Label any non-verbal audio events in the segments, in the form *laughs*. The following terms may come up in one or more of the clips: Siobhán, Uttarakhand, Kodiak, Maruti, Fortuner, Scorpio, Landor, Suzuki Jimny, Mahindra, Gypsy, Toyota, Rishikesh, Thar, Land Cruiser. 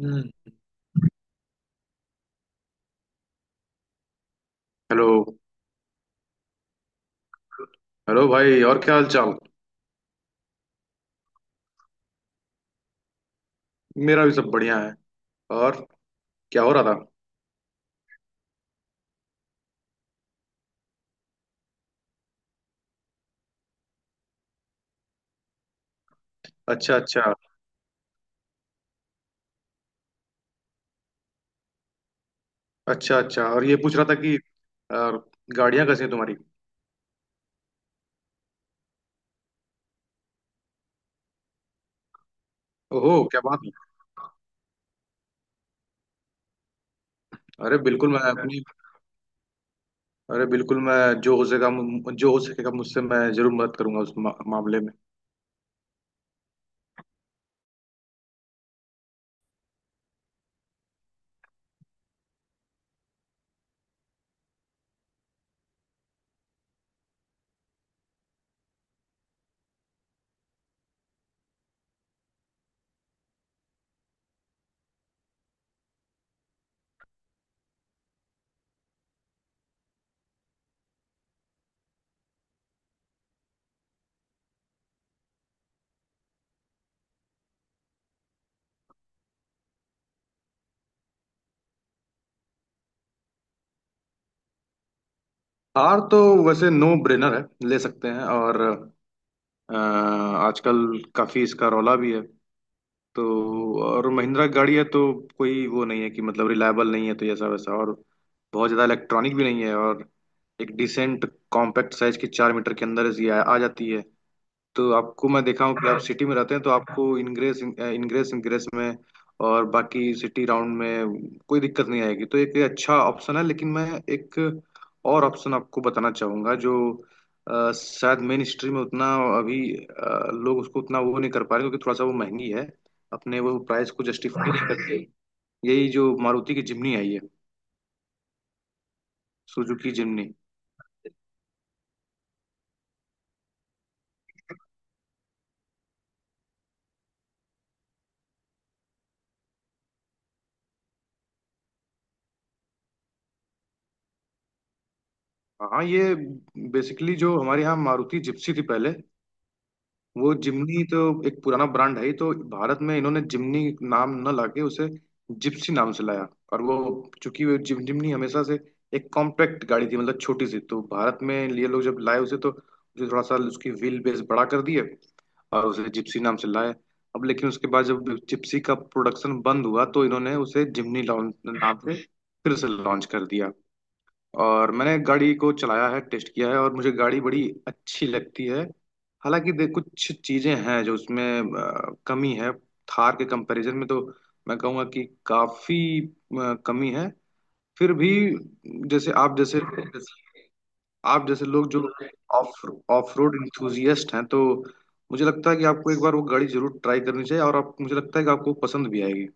हम्म। Hello. Hello भाई और क्या हाल चाल। मेरा भी सब बढ़िया है। और क्या हो रहा था। अच्छा, अच्छा। अच्छा, अच्छा और ये पूछ रहा था कि और गाड़ियां कैसी हैं तुम्हारी। ओहो क्या बात है। अरे बिल्कुल मैं अपनी अरे बिल्कुल मैं जो हो सकेगा मुझसे मैं जरूर मदद करूंगा उस मामले में। कार तो वैसे नो ब्रेनर है। ले सकते हैं और आजकल काफी इसका रौला भी है। तो और महिंद्रा की गाड़ी है तो कोई वो नहीं है कि मतलब रिलायबल नहीं है तो ऐसा वैसा और बहुत ज़्यादा इलेक्ट्रॉनिक भी नहीं है। और एक डिसेंट कॉम्पैक्ट साइज की चार मीटर के अंदर ऐसी आ जाती है। तो आपको मैं देखा हूँ कि आप *clears throat* सिटी में रहते हैं तो आपको इनग्रेस इनग्रेस इनग्रेस में और बाकी सिटी राउंड में कोई दिक्कत नहीं आएगी। तो एक ये अच्छा ऑप्शन है लेकिन मैं एक और ऑप्शन आपको बताना चाहूँगा जो शायद मेन स्ट्रीम में उतना अभी लोग उसको उतना वो नहीं कर पा रहे क्योंकि थोड़ा सा वो महंगी है। अपने वो प्राइस को जस्टिफाई नहीं करते। यही जो मारुति की जिमनी आई है। सुजुकी जिमनी। हाँ, ये बेसिकली जो हमारे यहाँ मारुति जिप्सी थी पहले। वो जिमनी तो एक पुराना ब्रांड है ही, तो भारत में इन्होंने जिमनी नाम न लाके उसे जिप्सी नाम से लाया। और वो चूंकि वो जिमनी हमेशा से एक कॉम्पैक्ट गाड़ी थी मतलब छोटी सी। तो भारत में ये लोग जब लाए उसे तो उसे थोड़ा सा उसकी व्हील बेस बड़ा कर दिए और उसे जिप्सी नाम से लाए। अब लेकिन उसके बाद जब जिप्सी का प्रोडक्शन बंद हुआ तो इन्होंने उसे जिमनी लॉन्च नाम से फिर से लॉन्च कर दिया। और मैंने गाड़ी को चलाया है, टेस्ट किया है और मुझे गाड़ी बड़ी अच्छी लगती है। हालांकि देख कुछ चीजें हैं जो उसमें कमी है। थार के कंपैरिजन में तो मैं कहूँगा कि काफी कमी है। फिर भी जैसे आप जैसे जैसे लोग जो ऑफ ऑफ रोड इंथुजियस्ट हैं तो मुझे लगता है कि आपको एक बार वो गाड़ी जरूर ट्राई करनी चाहिए और आप मुझे लगता है कि आपको पसंद भी आएगी।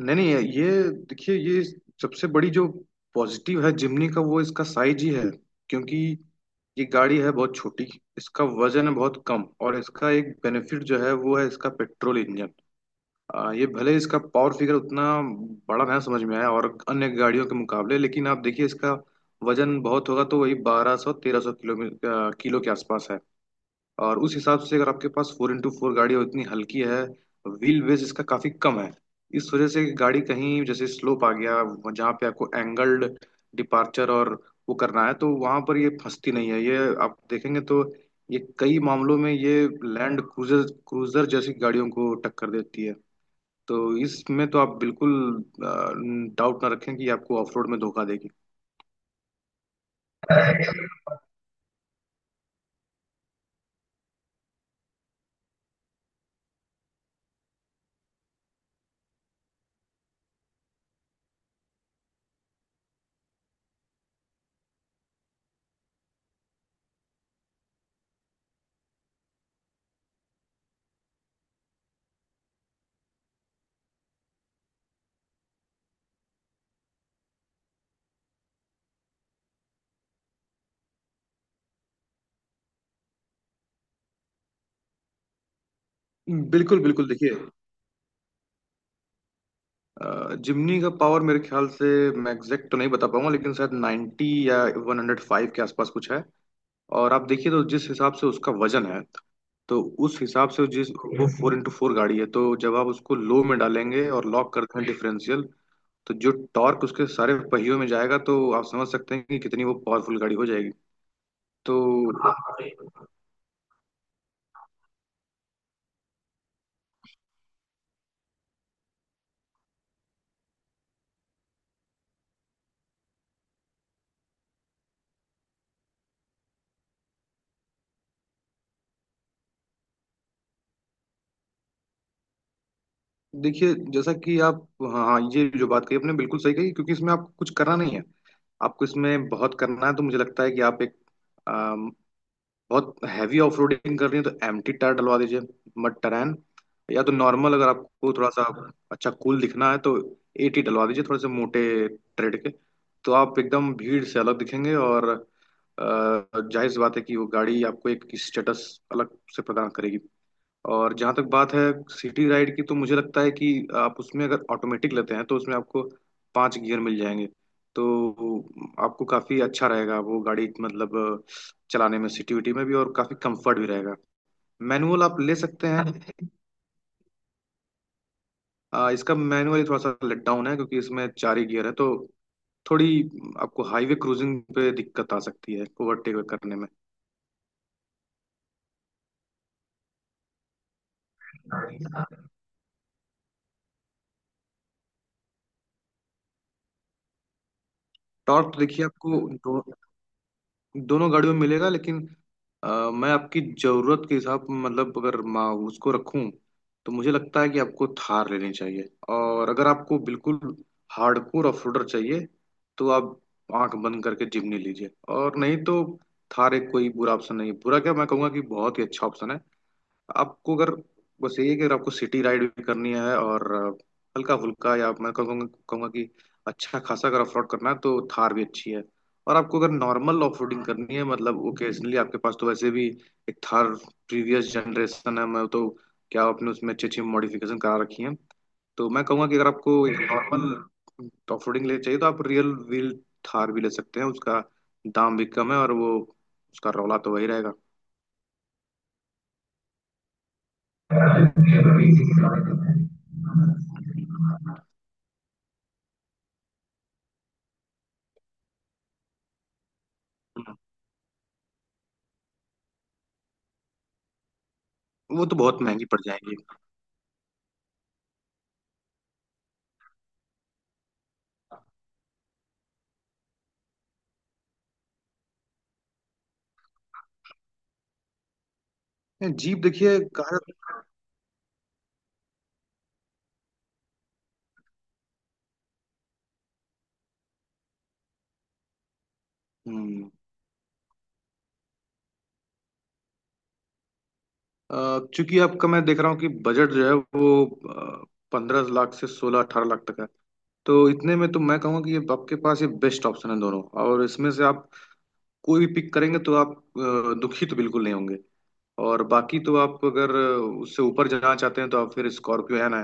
नहीं, नहीं, ये देखिए ये सबसे बड़ी जो पॉजिटिव है जिमनी का वो इसका साइज ही है। क्योंकि ये गाड़ी है बहुत छोटी। इसका वजन है बहुत कम और इसका एक बेनिफिट जो है वो है इसका पेट्रोल इंजन। ये भले इसका पावर फिगर उतना बड़ा ना समझ में आया और अन्य गाड़ियों के मुकाबले लेकिन आप देखिए इसका वजन बहुत होगा तो वही 1200 1300 किलो किलो के आसपास है। और उस हिसाब से अगर आपके पास फोर इंटू फोर गाड़ी है, इतनी हल्की है। व्हील बेस इसका काफी कम है। इस वजह से गाड़ी कहीं जैसे स्लोप आ गया जहाँ पे आपको एंगल्ड डिपार्चर और वो करना है तो वहां पर ये फंसती नहीं है। ये आप देखेंगे तो ये कई मामलों में ये लैंड क्रूजर क्रूजर जैसी गाड़ियों को टक्कर देती है। तो इसमें तो आप बिल्कुल डाउट ना रखें कि ये आपको ऑफ रोड में धोखा देगी। बिल्कुल, बिल्कुल, देखिए। जिमनी का पावर मेरे ख्याल से मैं एग्जैक्ट तो नहीं बता पाऊंगा लेकिन शायद 90 या 105 के आसपास कुछ है। और आप देखिए तो जिस हिसाब से उसका वजन है, तो उस हिसाब से जिस वो फोर इंटू फोर गाड़ी है तो जब आप उसको लो में डालेंगे और लॉक कर दें डिफरेंशियल तो जो टॉर्क उसके सारे पहियों में जाएगा तो आप समझ सकते हैं कि कितनी वो पावरफुल गाड़ी हो जाएगी। तो देखिए जैसा कि आप। हाँ, हाँ, ये जो बात कही आपने बिल्कुल सही कही क्योंकि इसमें आपको कुछ करना नहीं है। आपको इसमें बहुत करना है तो मुझे लगता है कि आप एक बहुत हैवी ऑफ रोडिंग कर रही है तो एम्प्टी टायर डलवा दीजिए। मड टरैन या तो नॉर्मल, अगर आपको थोड़ा सा अच्छा कूल दिखना है तो एटी डलवा दीजिए थोड़े से मोटे ट्रेड के। तो आप एकदम भीड़ से अलग दिखेंगे और जाहिर सी बात है कि वो गाड़ी आपको एक स्टेटस अलग से प्रदान करेगी। और जहाँ तक बात है सिटी राइड की, तो मुझे लगता है कि आप उसमें अगर ऑटोमेटिक लेते हैं तो उसमें आपको पांच गियर मिल जाएंगे। तो आपको काफ़ी अच्छा रहेगा वो गाड़ी मतलब चलाने में सिटी विटी में भी और काफ़ी कंफर्ट भी रहेगा। मैनुअल आप ले सकते हैं। *laughs* इसका मैनुअल थोड़ा सा लेट डाउन है क्योंकि इसमें चार ही गियर है तो थोड़ी आपको हाईवे क्रूजिंग पे दिक्कत आ सकती है ओवरटेक करने में। टॉर्क तो देखिए आपको दोनों गाड़ियों में मिलेगा लेकिन अ, मैं आपकी जरूरत के हिसाब मतलब अगर मैं उसको रखूं तो मुझे लगता है कि आपको थार लेनी चाहिए। और अगर आपको बिल्कुल हार्डकोर ऑफरोडर चाहिए तो आप आंख बंद करके जिम्नी लीजिए। और नहीं तो थार एक कोई बुरा ऑप्शन नहीं है, बुरा क्या मैं कहूँगा कि बहुत ही अच्छा ऑप्शन है। आपको अगर बस यही है कि अगर आपको सिटी राइड भी करनी है और हल्का फुल्का या मैं कहूँगा कहूँगा कि अच्छा खासा अगर ऑफरोड करना है तो थार भी अच्छी है। और आपको अगर नॉर्मल ऑफरोडिंग करनी है मतलब ओकेजनली आपके पास तो वैसे भी एक थार प्रीवियस जनरेशन है, मैं तो क्या आपने उसमें अच्छी अच्छी मॉडिफिकेशन करा रखी है। तो मैं कहूँगा कि अगर आपको एक नॉर्मल ऑफरोडिंग ले चाहिए तो आप रियल व्हील थार भी ले सकते हैं। उसका दाम भी कम है और वो उसका रौला तो वही रहेगा। हम्म, वो तो बहुत महंगी पड़ जाएंगी। नहीं, जीप देखिए कार। हम्म, चूंकि आपका मैं देख रहा हूँ कि बजट जो है वो 15 लाख से 16-18 लाख तक है। तो इतने में तो मैं कहूँगा कि ये आपके पास ये बेस्ट ऑप्शन है दोनों। और इसमें से आप कोई भी पिक करेंगे तो आप दुखी तो बिल्कुल नहीं होंगे। और बाकी तो आप अगर उससे ऊपर जाना चाहते हैं तो आप फिर स्कॉर्पियो है।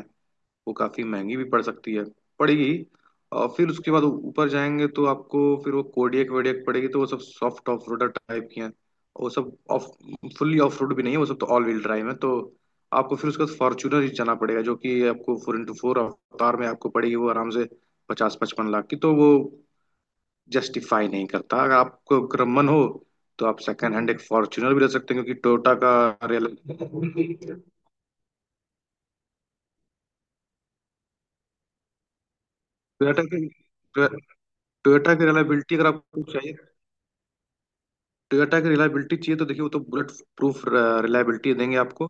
वो काफी महंगी भी पड़ सकती है, पड़ेगी। और फिर उसके बाद ऊपर जाएंगे तो आपको फिर वो कोडियक वेडियक पड़ेगी तो वो सब सॉफ्ट ऑफ रोडर टाइप की हैं। वो सब ऑफ फुल्ली ऑफ रोड भी नहीं है, वो सब तो ऑल व्हील ड्राइव है। तो आपको फिर उसके बाद फॉर्च्यूनर ही जाना पड़ेगा जो कि आपको फोर इंटू फोर अवतार में आपको पड़ेगी वो आराम से 50-55 लाख की। तो वो जस्टिफाई नहीं करता, अगर आपको अगर मन हो तो आप सेकंड हैंड एक फॉर्च्यूनर भी ले सकते हैं क्योंकि टोयोटा का रियल। टोयोटा की टोयोटा की रिलायबिलिटी *laughs* अगर आपको चाहिए। टोयोटा की रिलायबिलिटी चाहिए तो देखिए वो तो बुलेट प्रूफ रिलायबिलिटी देंगे आपको।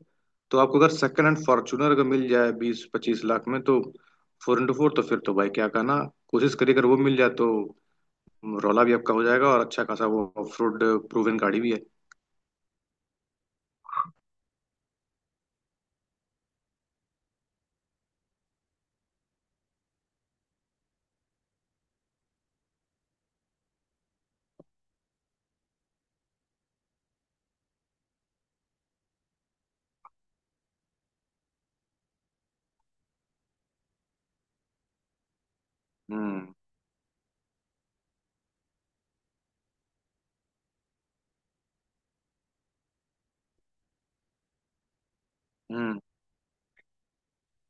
तो आपको अगर सेकंड हैंड फॉर्चूनर अगर मिल जाए 20-25 लाख में तो फोर इंटू फोर तो फिर तो भाई क्या कहना। कोशिश करिए अगर वो मिल जाए तो रौला भी आपका हो जाएगा और अच्छा खासा वो ऑफ रोड प्रूवन गाड़ी भी है। हम्म, हम्म।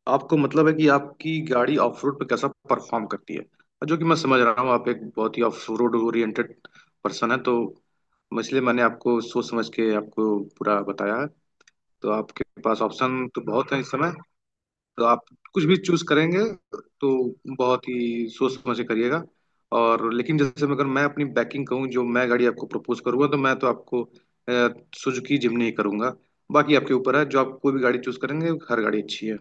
आपको मतलब है कि आपकी गाड़ी ऑफ रोड पे कैसा परफॉर्म करती है और जो कि मैं समझ रहा हूँ आप एक बहुत ही ऑफ रोड ओरिएंटेड पर्सन है। तो इसलिए मैंने आपको सोच समझ के आपको पूरा बताया। तो आपके पास ऑप्शन तो बहुत है इस समय तो आप कुछ भी चूज करेंगे तो बहुत ही सोच समझ के करिएगा। और लेकिन जैसे मैं अगर मैं अपनी बैकिंग कहूँ जो मैं गाड़ी आपको प्रपोज करूंगा तो मैं तो आपको सुजुकी जिमनी ही करूंगा। बाकी आपके ऊपर है, जो आप कोई भी गाड़ी चूज करेंगे हर गाड़ी अच्छी है।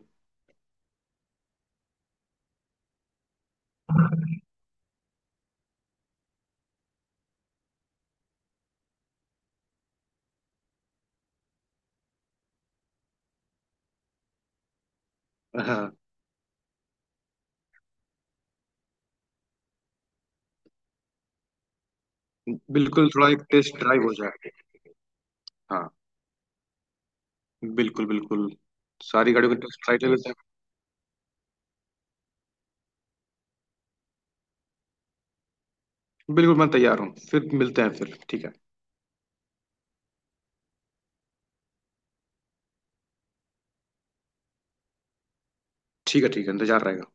हाँ, बिल्कुल थोड़ा एक टेस्ट ड्राइव हो जाए। हाँ, बिल्कुल, बिल्कुल, सारी गाड़ियों का टेस्ट ड्राइव ले लेते हैं। बिल्कुल मैं तैयार हूँ, फिर मिलते हैं, फिर ठीक है। ठीक है, ठीक है, इंतजार रहेगा।